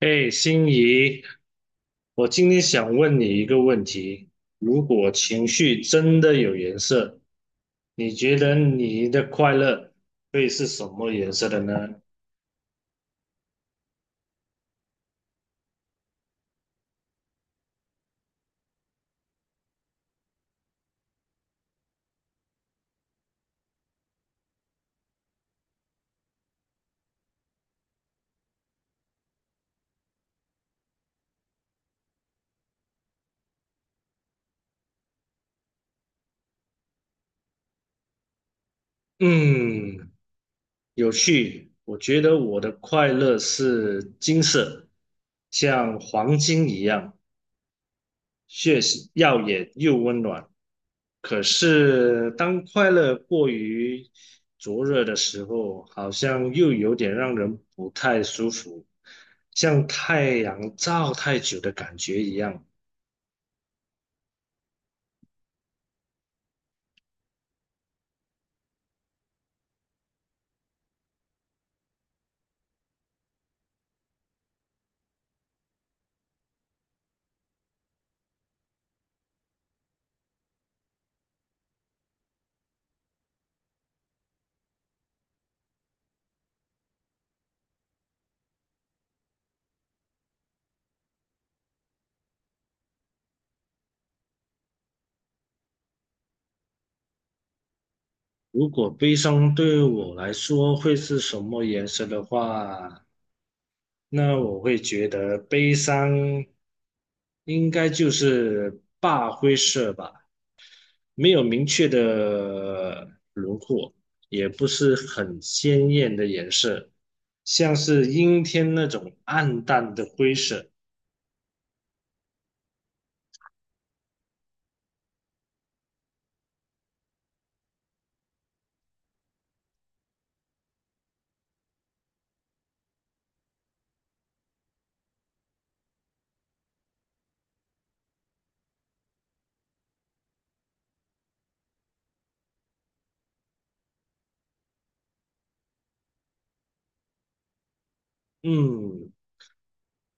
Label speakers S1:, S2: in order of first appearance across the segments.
S1: 哎，心仪，我今天想问你一个问题：如果情绪真的有颜色，你觉得你的快乐会是什么颜色的呢？嗯，有趣。我觉得我的快乐是金色，像黄金一样，血耀眼又温暖。可是当快乐过于灼热的时候，好像又有点让人不太舒服，像太阳照太久的感觉一样。如果悲伤对我来说会是什么颜色的话，那我会觉得悲伤应该就是大灰色吧。没有明确的轮廓，也不是很鲜艳的颜色，像是阴天那种暗淡的灰色。嗯，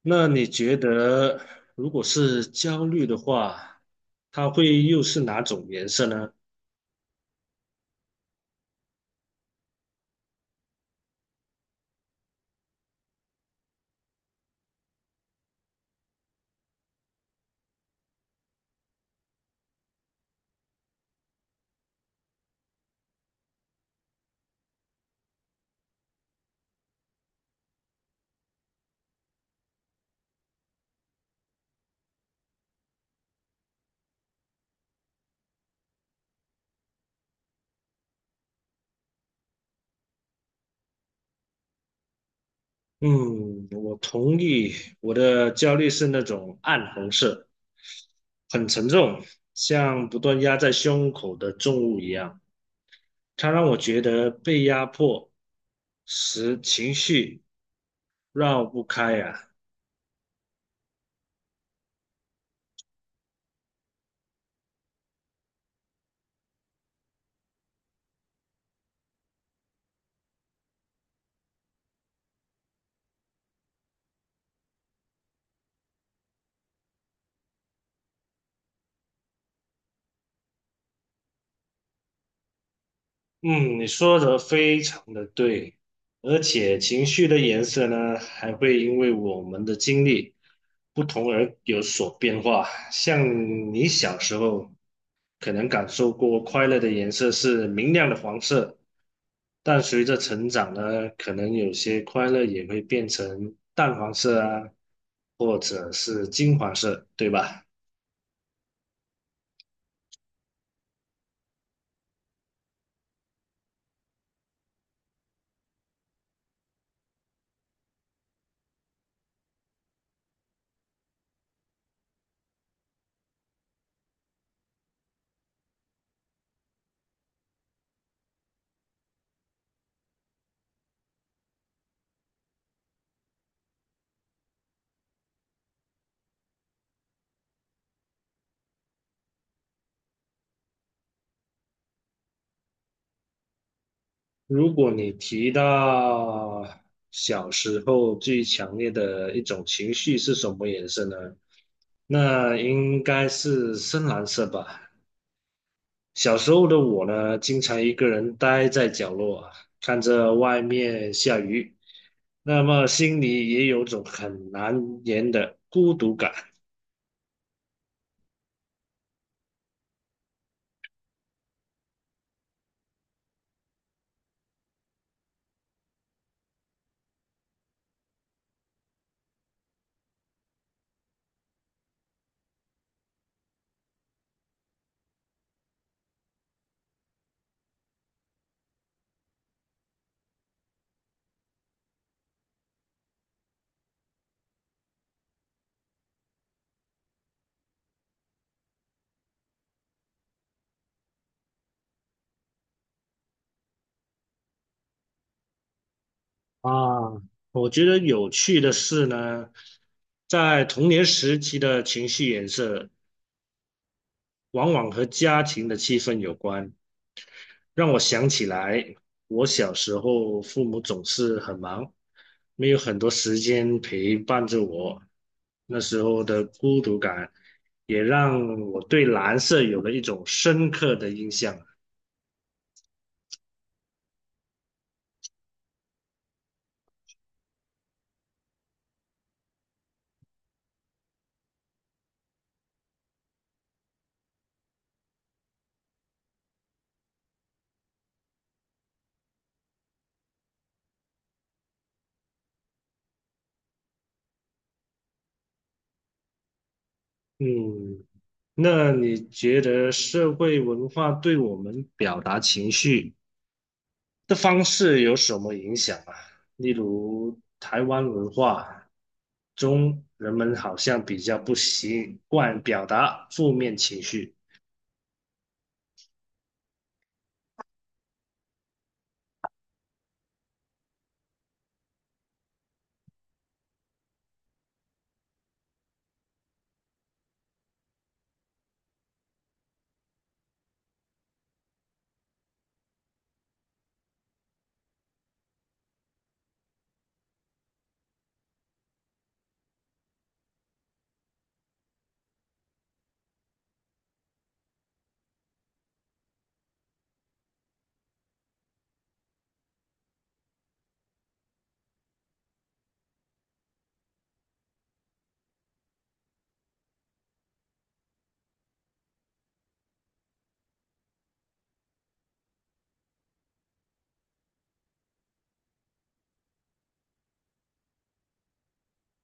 S1: 那你觉得如果是焦虑的话，它会又是哪种颜色呢？嗯，我同意，我的焦虑是那种暗红色，很沉重，像不断压在胸口的重物一样，它让我觉得被压迫。十情绪绕不开呀、嗯，你说的非常的对，而且情绪的颜色呢，还会因为我们的经历不同而有所变化。像你小时候可能感受过快乐的颜色是明亮的黄色，但随着成长呢，可能有些快乐也会变成淡黄色啊，或者是金黄色，对吧？如果你提到小时候最强烈的一种情绪是什么颜色呢？那应该是深蓝色吧。小时候的我呢，经常一个人待在角落，看着外面下雨，那么心里也有种很难言的孤独感啊。我觉得有趣的是呢，在童年时期的情绪颜色往往和家庭的气氛有关，让我想起来，我小时候父母总是很忙，没有很多时间陪伴着我。那时候的孤独感，也让我对蓝色有了一种深刻的印象。嗯，那你觉得社会文化对我们表达情绪？的方式有什么影响啊？例如台湾文化中，人们好像比较不习惯表达负面情绪。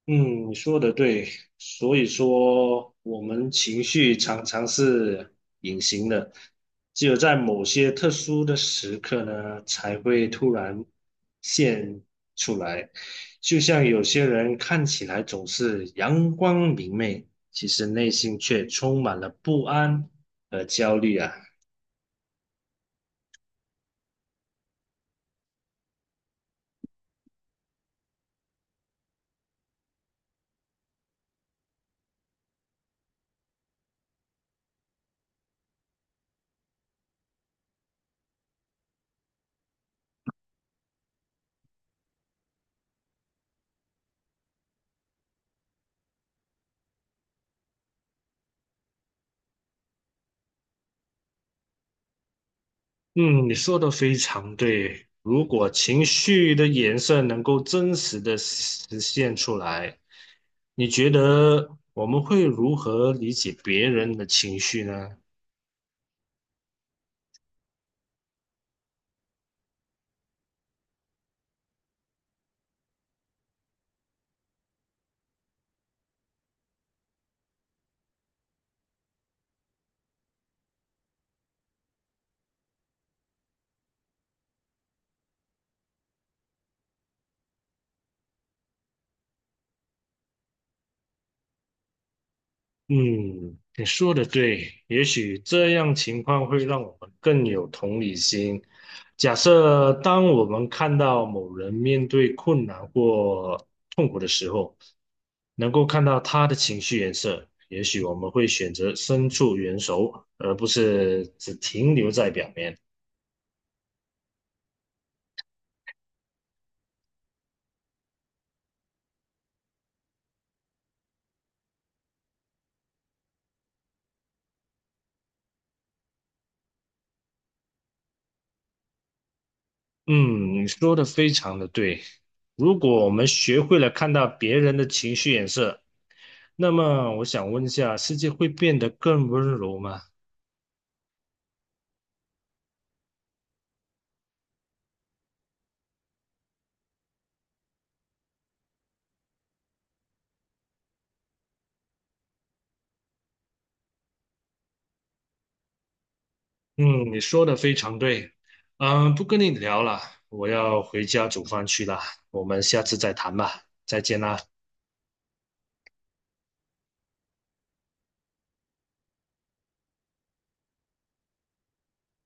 S1: 嗯，你说的对，所以说我们情绪常常是隐形的，只有在某些特殊的时刻呢，才会突然现出来。就像有些人看起来总是阳光明媚，其实内心却充满了不安和焦虑啊。嗯，你说的非常对。如果情绪的颜色能够真实的实现出来，你觉得我们会如何理解别人的情绪呢？嗯，你说的对，也许这样情况会让我们更有同理心。假设当我们看到某人面对困难或痛苦的时候，能够看到他的情绪颜色，也许我们会选择伸出援手，而不是只停留在表面。嗯，你说的非常的对。如果我们学会了看到别人的情绪颜色，那么我想问一下，世界会变得更温柔吗？嗯，你说的非常对。嗯，不跟你聊了，我要回家煮饭去了。我们下次再谈吧，再见啦。